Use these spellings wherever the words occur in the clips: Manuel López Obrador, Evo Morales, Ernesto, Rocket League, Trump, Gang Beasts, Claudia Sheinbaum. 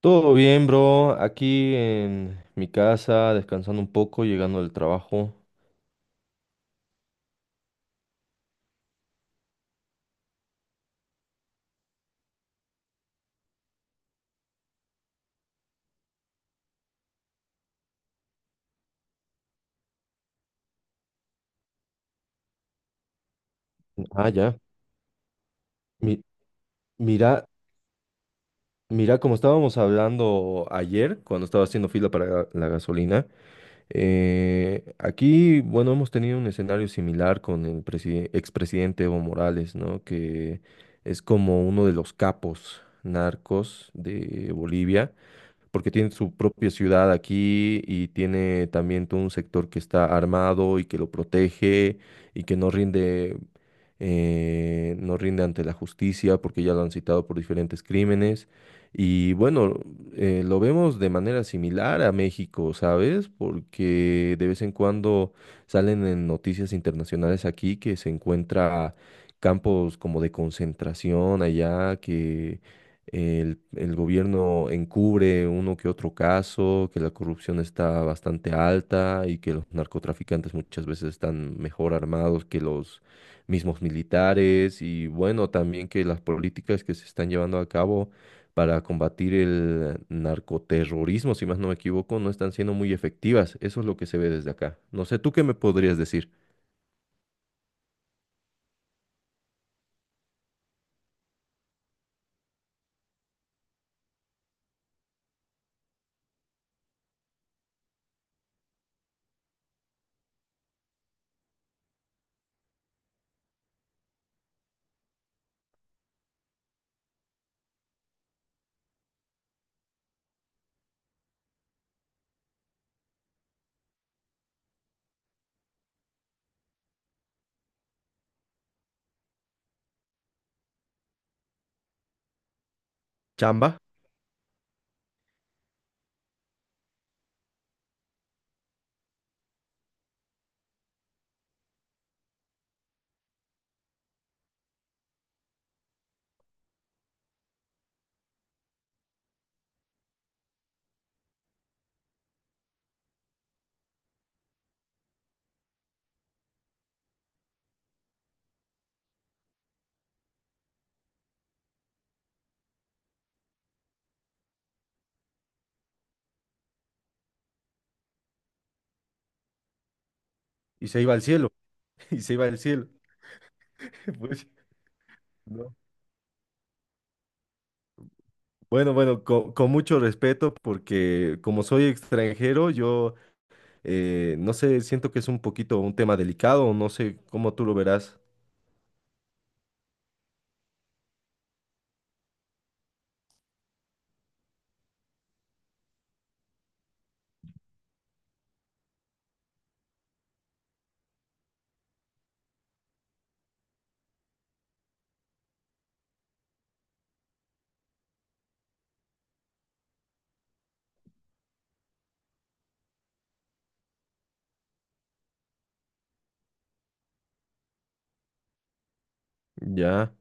Todo bien, bro. Aquí en mi casa, descansando un poco, llegando del trabajo. Ah, ya. Mi- mira, mira, como estábamos hablando ayer, cuando estaba haciendo fila para la gasolina, aquí, bueno, hemos tenido un escenario similar con el expresidente Evo Morales, ¿no? Que es como uno de los capos narcos de Bolivia, porque tiene su propia ciudad aquí y tiene también todo un sector que está armado y que lo protege y que no rinde, no rinde ante la justicia porque ya lo han citado por diferentes crímenes. Y bueno, lo vemos de manera similar a México, ¿sabes? Porque de vez en cuando salen en noticias internacionales aquí que se encuentra campos como de concentración allá, que el gobierno encubre uno que otro caso, que la corrupción está bastante alta y que los narcotraficantes muchas veces están mejor armados que los mismos militares y bueno, también que las políticas que se están llevando a cabo para combatir el narcoterrorismo, si más no me equivoco, no están siendo muy efectivas. Eso es lo que se ve desde acá. No sé, ¿tú qué me podrías decir? Chamba, y se iba al cielo, y se iba al cielo. Pues, no. Bueno, bueno, con mucho respeto, porque como soy extranjero, yo no sé, siento que es un poquito un tema delicado, no sé cómo tú lo verás. Ya.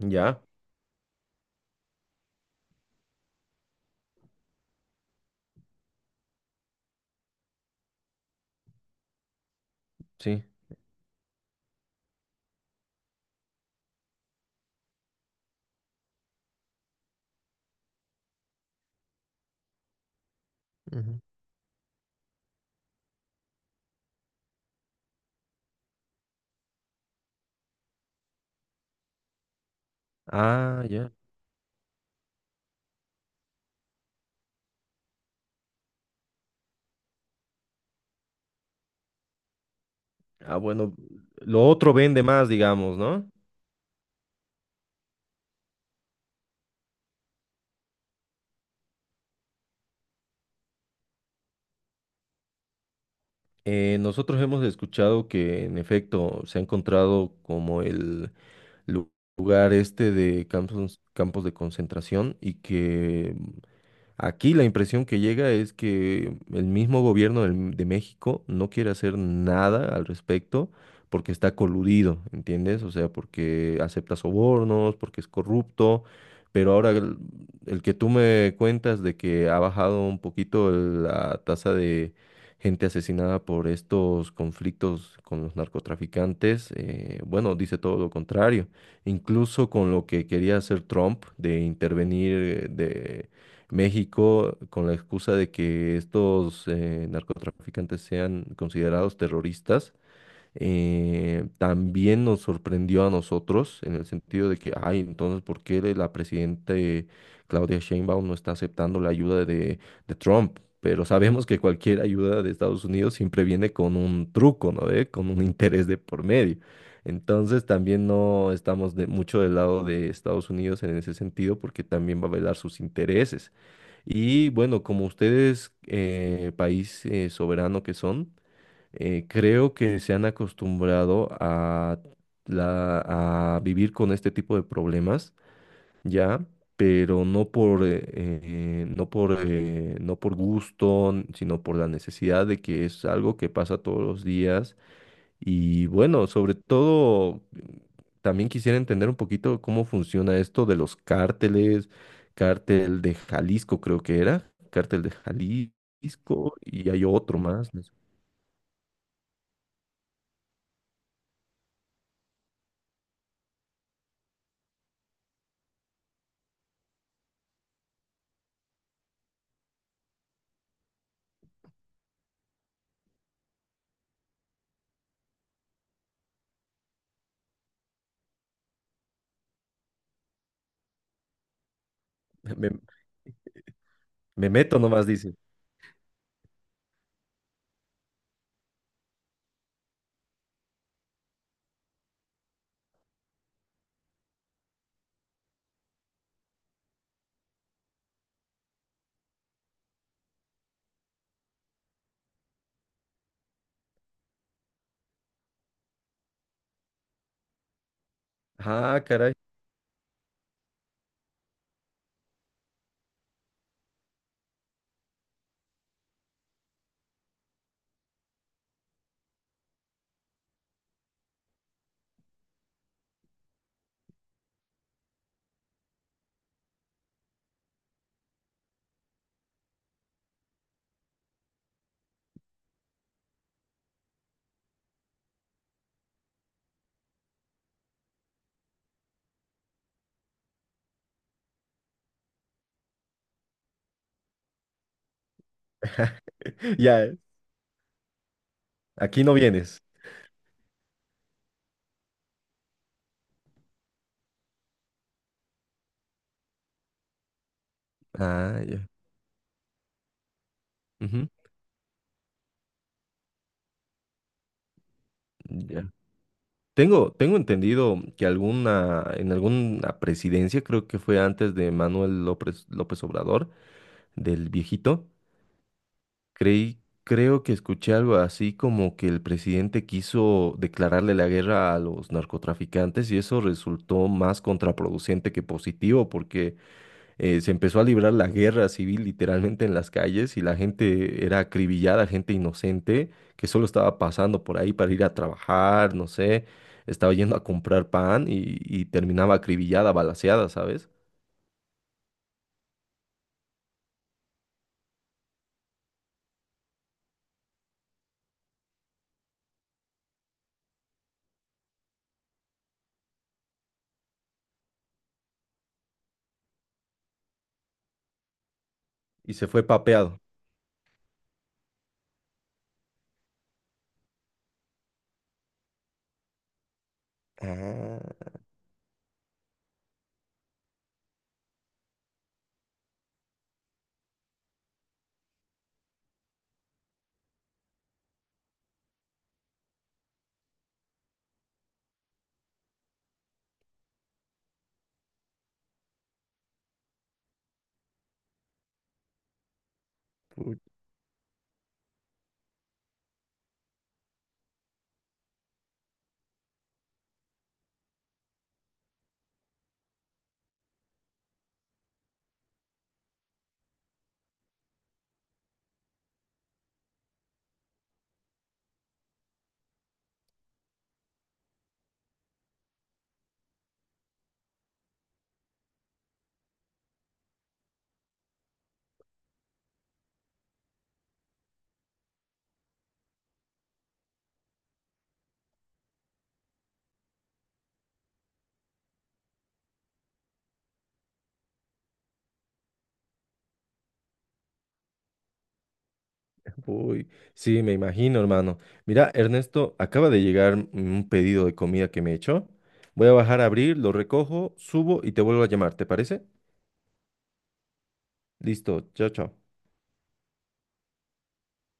Ya. Sí. Ujú. Ah, ya. Ah, bueno, lo otro vende más, digamos, ¿no? Nosotros hemos escuchado que en efecto se ha encontrado como el lu- lugar este de campos, campos de concentración y que aquí la impresión que llega es que el mismo gobierno de México no quiere hacer nada al respecto porque está coludido, ¿entiendes? O sea, porque acepta sobornos, porque es corrupto, pero ahora el que tú me cuentas de que ha bajado un poquito la tasa de gente asesinada por estos conflictos con los narcotraficantes, bueno, dice todo lo contrario. Incluso con lo que quería hacer Trump de intervenir, de México con la excusa de que estos narcotraficantes sean considerados terroristas, también nos sorprendió a nosotros en el sentido de que, ay, entonces, ¿por qué la presidenta Claudia Sheinbaum no está aceptando la ayuda de Trump? Pero sabemos que cualquier ayuda de Estados Unidos siempre viene con un truco, ¿no? ¿Ve? Con un interés de por medio. Entonces también no estamos de, mucho del lado de Estados Unidos en ese sentido porque también va a velar sus intereses. Y bueno, como ustedes, país soberano que son, creo que se han acostumbrado a, la- a vivir con este tipo de problemas ya, pero no por, no por, no por gusto, sino por la necesidad de que es algo que pasa todos los días y bueno, sobre todo, también quisiera entender un poquito cómo funciona esto de los cárteles, cártel de Jalisco creo que era, cártel de Jalisco, y hay otro más. No sé. Me, me meto nomás, dice. Ah, caray. Ya, aquí no vienes. Ah, ya. Ujú, ya. Tengo entendido que alguna, en alguna presidencia, creo que fue antes de Manuel López, López Obrador, del viejito, creo que escuché algo así como que el presidente quiso declararle la guerra a los narcotraficantes y eso resultó más contraproducente que positivo, porque se empezó a librar la guerra civil literalmente en las calles y la gente era acribillada, gente inocente que solo estaba pasando por ahí para ir a trabajar, no sé, estaba yendo a comprar pan y terminaba acribillada, balaceada, ¿sabes? Y se fue papeado. Ah, uy, uy. Sí, me imagino, hermano. Mira, Ernesto, acaba de llegar un pedido de comida que me he hecho. Voy a bajar a abrir, lo recojo, subo y te vuelvo a llamar, ¿te parece? Listo, chao, chao.